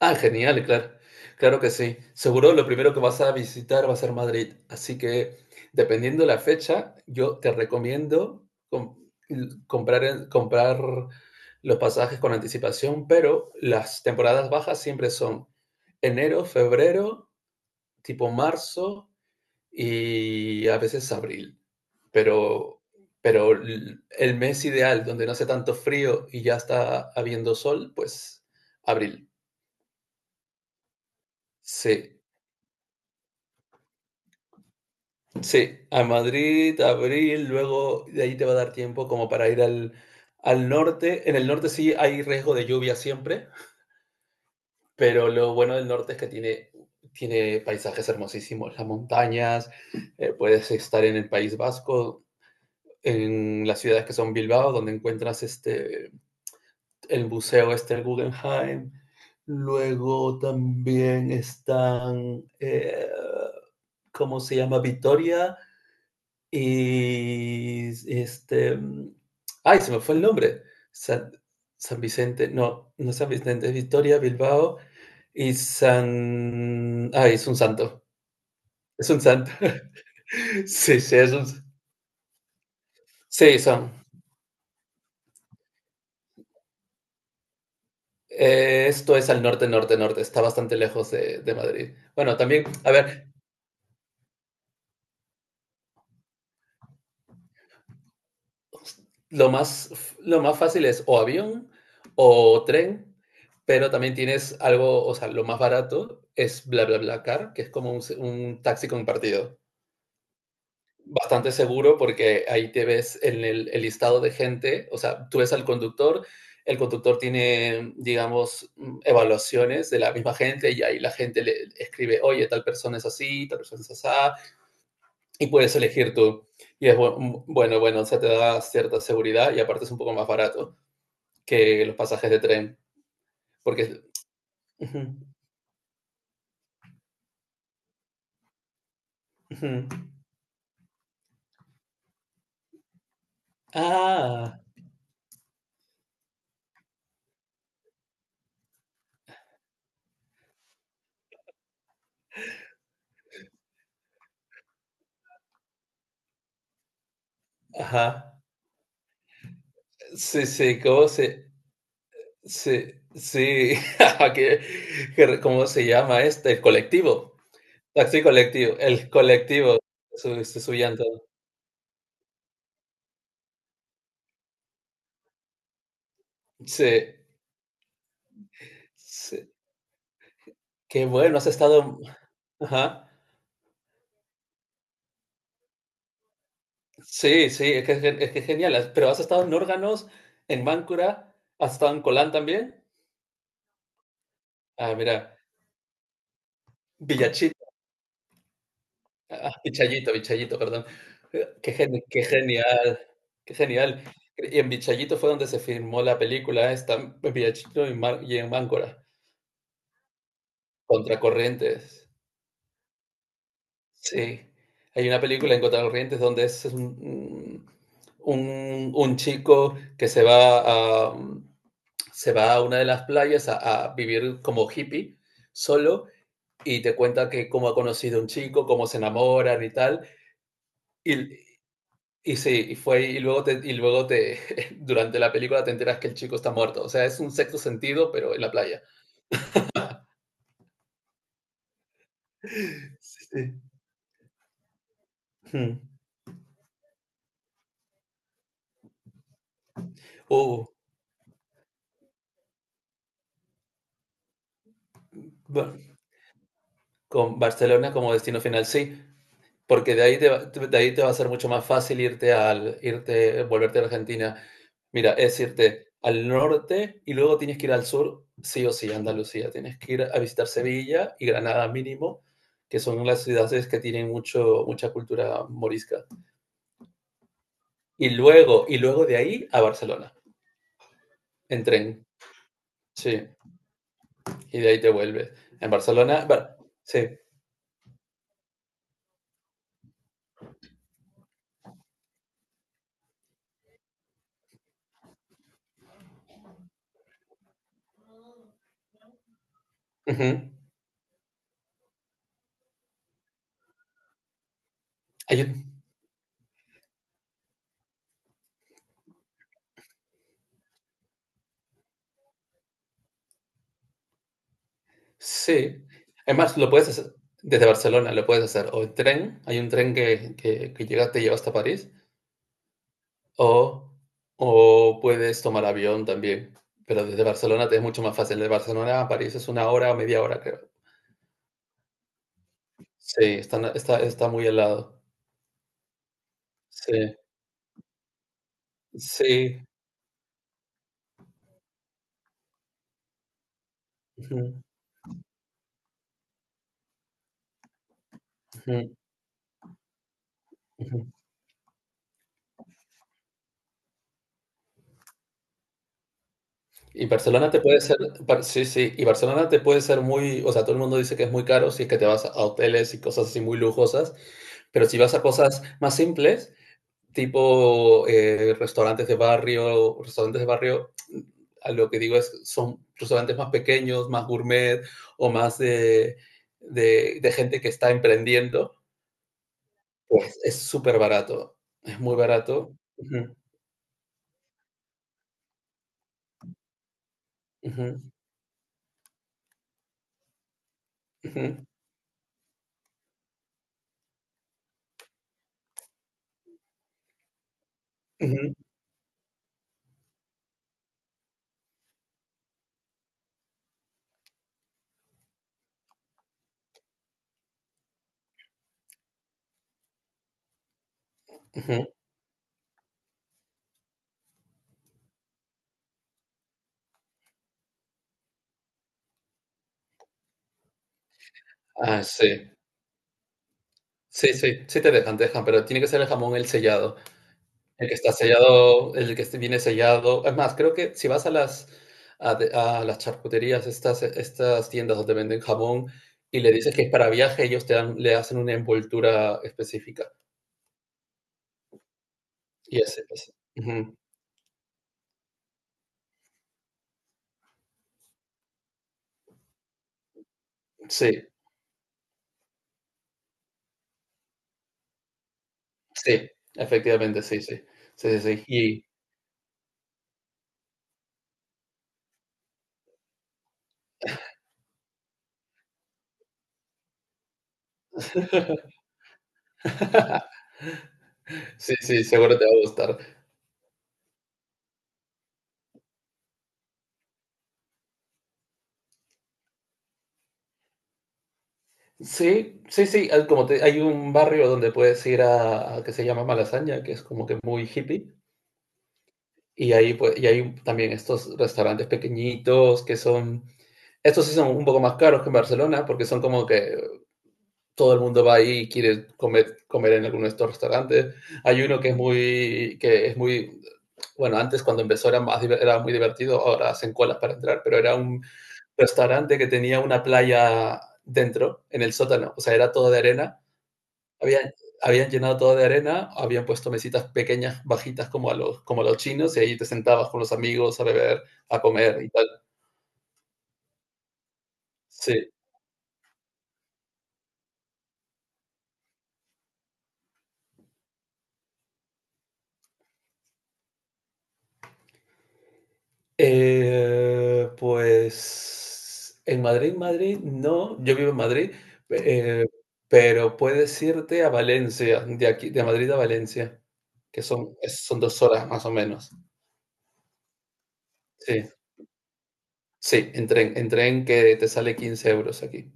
Ah, genial, claro. Claro que sí. Seguro lo primero que vas a visitar va a ser Madrid. Así que, dependiendo la fecha, yo te recomiendo com- comprar los pasajes con anticipación, pero las temporadas bajas siempre son enero, febrero, tipo marzo y a veces abril. Pero, pero el mes ideal, donde no hace tanto frío y ya está habiendo sol, pues abril. Sí. Sí, a Madrid, abril, luego de ahí te va a dar tiempo como para ir al norte. En el norte sí hay riesgo de lluvia siempre, pero lo bueno del norte es que tiene paisajes hermosísimos, las montañas. Puedes estar en el País Vasco, en las ciudades que son Bilbao, donde encuentras este, el museo este, el Guggenheim. Luego también están, ¿cómo se llama? Vitoria. Y este, ay, se me fue el nombre. San, San Vicente, no, no es San Vicente, es Victoria, Bilbao y San, ay, es un santo, es un santo. Sí, sí, es un, sí, son. Esto es al norte, norte, norte. Está bastante lejos de Madrid. Bueno, también, a ver, Lo más, lo más fácil es o avión o tren, pero también tienes algo, o sea, lo más barato es bla car, que es como un taxi compartido. Bastante seguro porque ahí te ves en el listado de gente, o sea, tú ves al conductor, el conductor tiene, digamos, evaluaciones de la misma gente y ahí la gente le escribe, oye, tal persona es así, tal persona es así, y puedes elegir tú. Y es bueno, o sea, te da cierta seguridad y aparte es un poco más barato que los pasajes de tren. Porque. Ujú, ujú. Ah, ajá. Sí, sí, ¿cómo se. Sí, sí. ¿Qué- ¿Cómo se llama este? El colectivo. Taxi colectivo. El colectivo. Su llanto. Sí, sí. Qué bueno, has estado. Ajá. Sí, sí, es que es genial. Pero has estado en órganos, en Máncora, has estado en Colán también. Ah, mira, Villachito, ah, Vichayito, Vichayito, perdón. Qué genial, qué genial. Y en Vichayito fue donde se filmó la película esta, en Villachito y en Máncora. Contracorrientes. Sí, hay una película en Corrientes donde es un, un chico que se va a una de las playas a vivir como hippie solo y te cuenta que cómo ha conocido a un chico, cómo se enamoran y tal. Y, y sí, y fue y luego te durante la película te enteras que el chico está muerto. O sea, es un sexto sentido, pero en la playa. Sí, sí. Mm. Uh, bueno, con Barcelona como destino final, sí. Porque de ahí te va a ser mucho más fácil volverte a Argentina. Mira, es irte al norte y luego tienes que ir al sur, sí o sí, a Andalucía. Tienes que ir a visitar Sevilla y Granada mínimo, que son las ciudades que tienen mucha cultura morisca. Y luego de ahí a Barcelona, en tren. Sí, y de ahí te vuelves. En Barcelona, sí. Ujú. Hay Sí. Además, lo puedes hacer desde Barcelona, lo puedes hacer o en tren, hay un tren que llega, te lleva hasta París, o, o puedes tomar avión también. Pero desde Barcelona te es mucho más fácil. De Barcelona a París es una hora o media hora, creo. Sí, está muy al lado. Sí, sí. Ujú, ujú, ujú. Y Barcelona te puede ser, Bar- Sí, sí, y Barcelona te puede ser muy, o sea, todo el mundo dice que es muy caro si es que te vas a hoteles y cosas así muy lujosas, pero si vas a cosas más simples, tipo restaurantes de barrio, a lo que digo es, son restaurantes más pequeños, más gourmet o más de gente que está emprendiendo. Pues es súper barato, es muy barato. Ujú, ujú, ujú, ujú, ujú. Ah, sí, sí, sí, sí te dejan, pero tiene que ser el jamón el sellado. El que está sellado, el que viene sellado. Es más, creo que si vas a las charcuterías, estas tiendas donde venden jamón, y le dices que es para viaje, ellos te dan, le hacen una envoltura específica. Y ese, ese. Ujú. Sí, sí, efectivamente, sí, sí. Sí, sí, sí. Y... Sí, sí, seguro te va a gustar. Sí, sí, sí. Hay un barrio donde puedes ir a que se llama Malasaña, que es como que muy hippie. Y ahí, pues, y hay también estos restaurantes pequeñitos que son, estos sí son un poco más caros que en Barcelona porque son como que todo el mundo va ahí y quiere comer, comer en alguno de estos restaurantes. Hay uno bueno, antes cuando empezó era muy divertido, ahora hacen colas para entrar, pero era un restaurante que tenía una playa dentro, en el sótano, o sea, era todo de arena. Habían, habían llenado todo de arena, habían puesto mesitas pequeñas, bajitas como a los chinos, y ahí te sentabas con los amigos a beber, a comer y tal. Sí. Pues en Madrid, Madrid, no, yo vivo en Madrid, eh, pero puedes irte a Valencia, de aquí, de Madrid a Valencia, que son 2 horas más o menos. Sí, sí, en tren que te sale 15 euros aquí.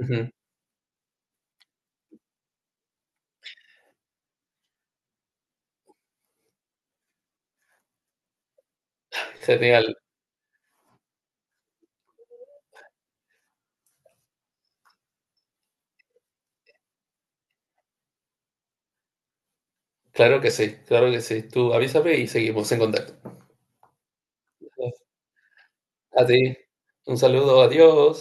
Ujú, genial. Claro que sí, claro que sí. Tú avísame y seguimos en contacto. A ti, un saludo, adiós.